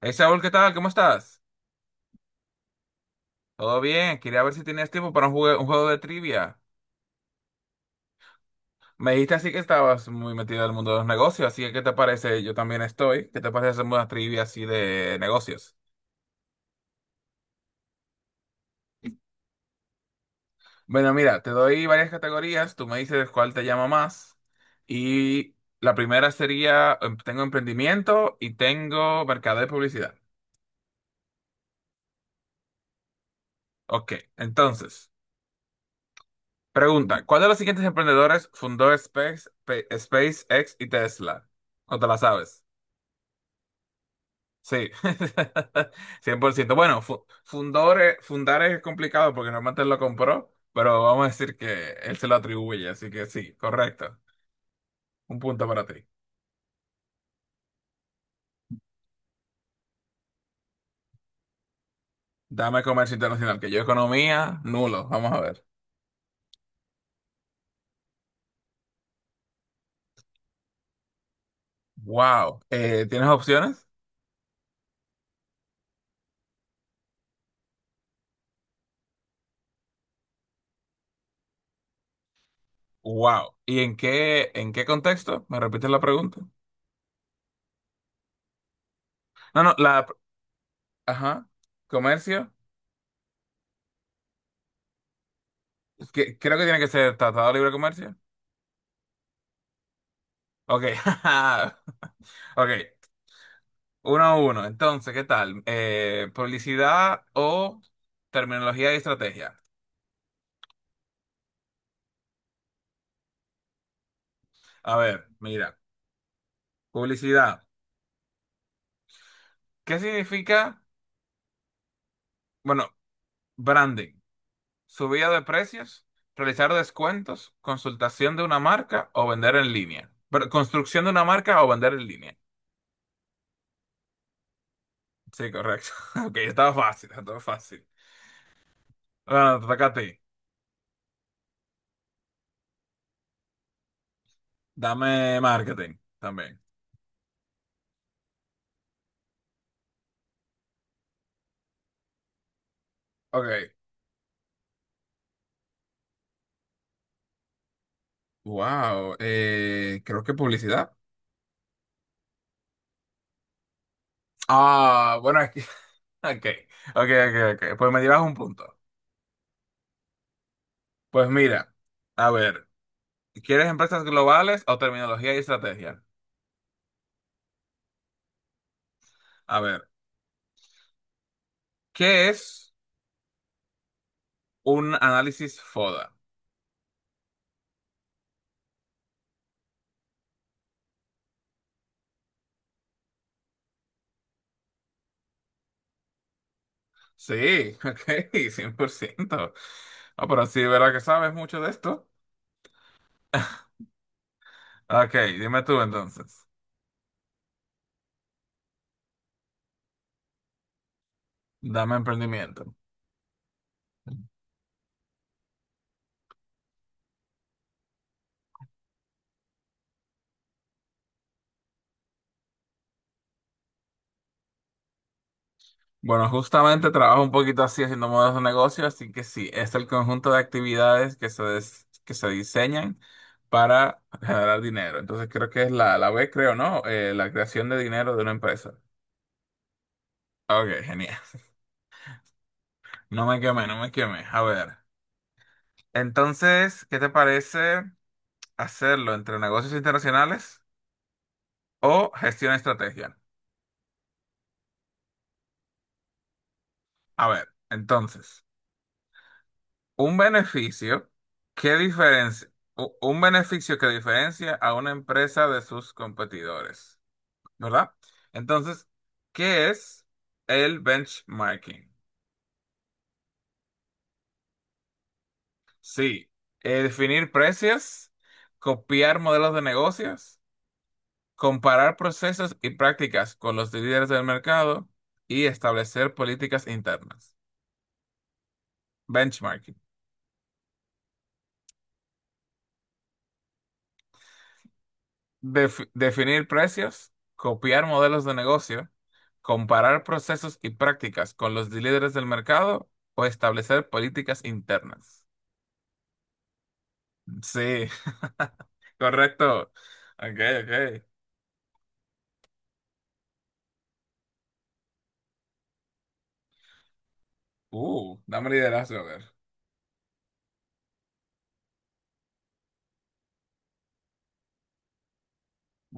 Hey Saúl, ¿qué tal? ¿Cómo estás? Todo bien, quería ver si tenías tiempo para un juego de trivia. Me dijiste así que estabas muy metido en el mundo de los negocios, así que ¿qué te parece? Yo también estoy. ¿Qué te parece hacer una trivia así de negocios? Bueno, mira, te doy varias categorías, tú me dices cuál te llama más. Y la primera sería, tengo emprendimiento y tengo mercado de publicidad. Ok, entonces, pregunta, ¿cuál de los siguientes emprendedores fundó SpaceX y Tesla? ¿O te la sabes? Sí, cien por ciento. Bueno, fundar es complicado porque normalmente él lo compró, pero vamos a decir que él se lo atribuye, así que sí, correcto. Un punto para ti. Dame comercio internacional, que yo economía, nulo. Vamos a ver. Wow. ¿Tienes opciones? Wow. ¿Y en qué contexto? ¿Me repites la pregunta? No, no, Ajá. Comercio. Que, creo que tiene que ser Tratado de Libre Comercio. Ok. Ok. Uno a uno. Entonces, ¿qué tal? Publicidad o terminología y estrategia. A ver, mira, publicidad. ¿Qué significa? Bueno, branding. Subida de precios, realizar descuentos, consultación de una marca o vender en línea. Pero, construcción de una marca o vender en línea. Sí, correcto. Ok, estaba fácil, estaba fácil. Bueno, te toca a ti. Dame marketing también. Ok. Wow. Creo que publicidad. Ah, bueno, es que. Ok, ok, ok, ok. Pues me llevas un punto. Pues mira, a ver, ¿quieres empresas globales o terminología y estrategia? A ver, ¿qué es un análisis FODA? Sí, ok, 100%. Ah, pero sí, ¿verdad que sabes mucho de esto? Ok, dime tú entonces. Dame emprendimiento. Bueno, justamente trabajo un poquito así haciendo modelos de negocio, así que sí, es el conjunto de actividades que se diseñan para generar dinero. Entonces creo que es la B, creo, ¿no? La creación de dinero de una empresa. Ok, genial. No me quemé, no me quemé. A ver. Entonces, ¿qué te parece hacerlo entre negocios internacionales o gestión estrategia? A ver, entonces. Un beneficio que diferencia a una empresa de sus competidores, ¿verdad? Entonces, ¿qué es el benchmarking? Sí, definir precios, copiar modelos de negocios, comparar procesos y prácticas con los líderes del mercado y establecer políticas internas. Benchmarking. Definir precios, copiar modelos de negocio, comparar procesos y prácticas con los líderes del mercado o establecer políticas internas. Sí, correcto. Ok, ok. Dame liderazgo, a ver.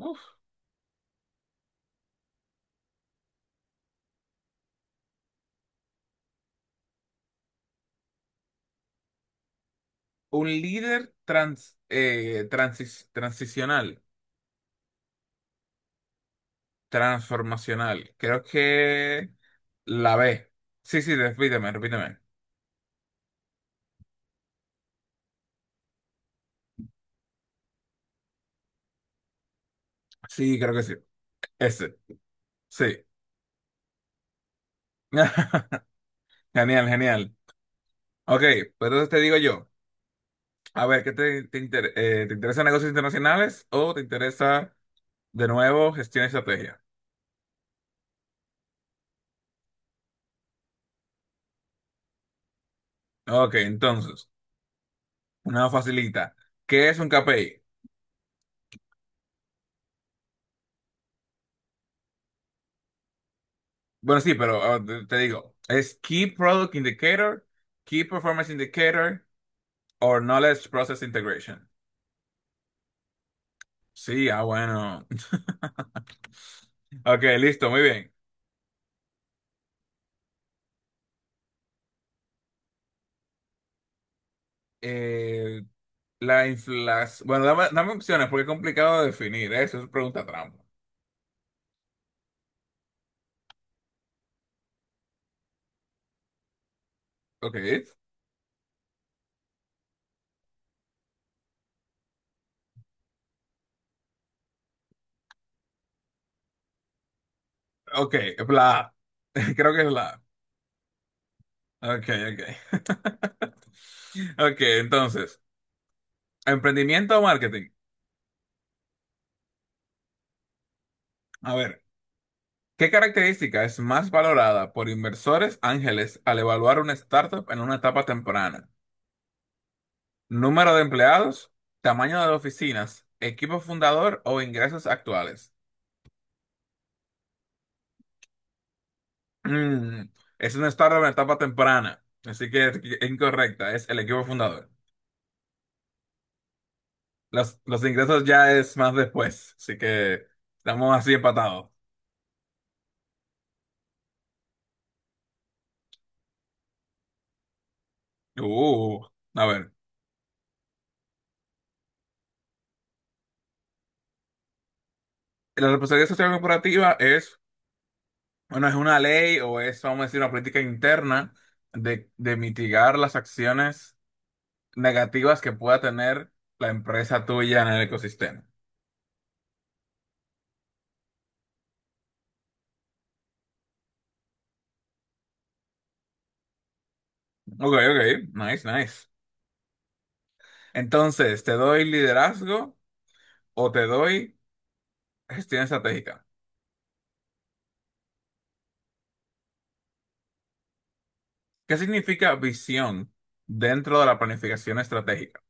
Uf. Un líder transicional, transformacional. Creo que la B. Sí, sí, repíteme, repíteme. Sí, creo que sí. Ese, sí. Genial, genial. Ok, pues entonces te digo yo, a ver, ¿qué te interesa negocios internacionales o te interesa de nuevo gestión y estrategia? Ok, entonces, una facilita. ¿Qué es un KPI? Bueno, sí, pero te digo, es Key Product Indicator, Key Performance Indicator or Knowledge Process Integration. Sí, ah, bueno. Ok, listo, muy bien. Eh, la inflación. Bueno, dame opciones porque es complicado de definir, ¿eh? Eso es pregunta trampa. Ok, ok, la A. Creo que es la A. Ok, ok. Ok, entonces, emprendimiento o marketing. A ver, ¿qué característica es más valorada por inversores ángeles al evaluar una startup en una etapa temprana? ¿Número de empleados, tamaño de oficinas, equipo fundador o ingresos actuales? Mm, es una startup en etapa temprana, así que es incorrecta, es el equipo fundador. Los ingresos ya es más después, así que estamos así empatados. Uh, a ver. La responsabilidad social corporativa es, bueno, es una ley o es, vamos a decir, una política interna de mitigar las acciones negativas que pueda tener la empresa tuya en el ecosistema. Ok, ok, nice, nice. Entonces, ¿te doy liderazgo o te doy gestión estratégica? ¿Qué significa visión dentro de la planificación estratégica?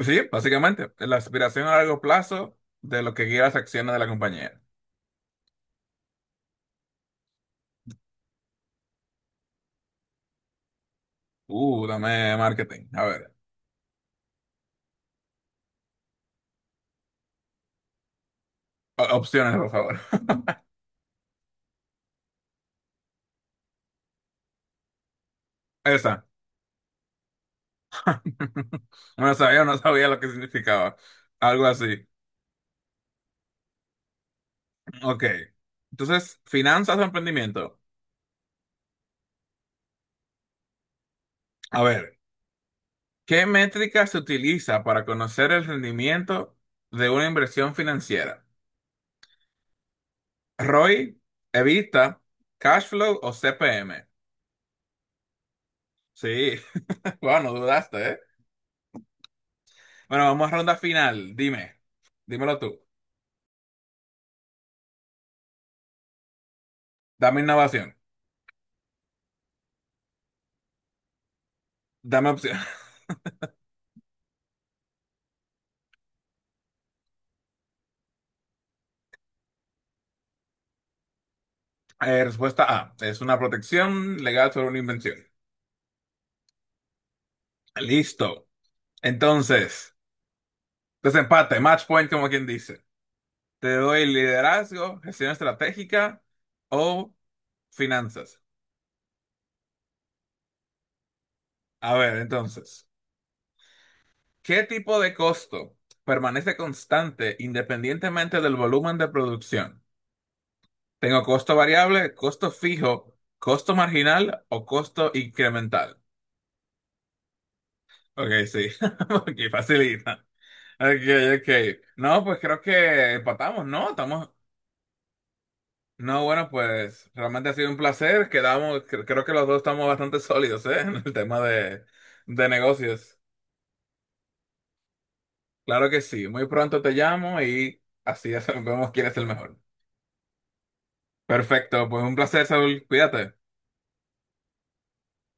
Sí, básicamente, la aspiración a largo plazo de lo que guía las acciones de la compañía. Dame marketing. A ver, opciones, por favor. Esa. No sabía, no sabía lo que significaba. Algo así. Ok. Entonces, finanzas o emprendimiento. A ver, ¿qué métrica se utiliza para conocer el rendimiento de una inversión financiera? ROI, EBITDA, cash flow o CPM. Sí, bueno, dudaste, ¿eh? Bueno, vamos a ronda final. Dime, dímelo tú. Dame innovación. Dame opción. Respuesta A. Es una protección legal sobre una invención. Listo. Entonces, desempate, match point, como quien dice. Te doy liderazgo, gestión estratégica o finanzas. A ver, entonces, ¿qué tipo de costo permanece constante independientemente del volumen de producción? ¿Tengo costo variable, costo fijo, costo marginal o costo incremental? Ok, sí. Ok, facilita. Ok, ok. No, pues creo que empatamos, ¿no? Estamos. No, bueno, pues realmente ha sido un placer. Quedamos, creo que los dos estamos bastante sólidos, ¿eh? En el tema de, negocios. Claro que sí. Muy pronto te llamo y así vemos quién es el mejor. Perfecto, pues un placer, Saúl. Cuídate.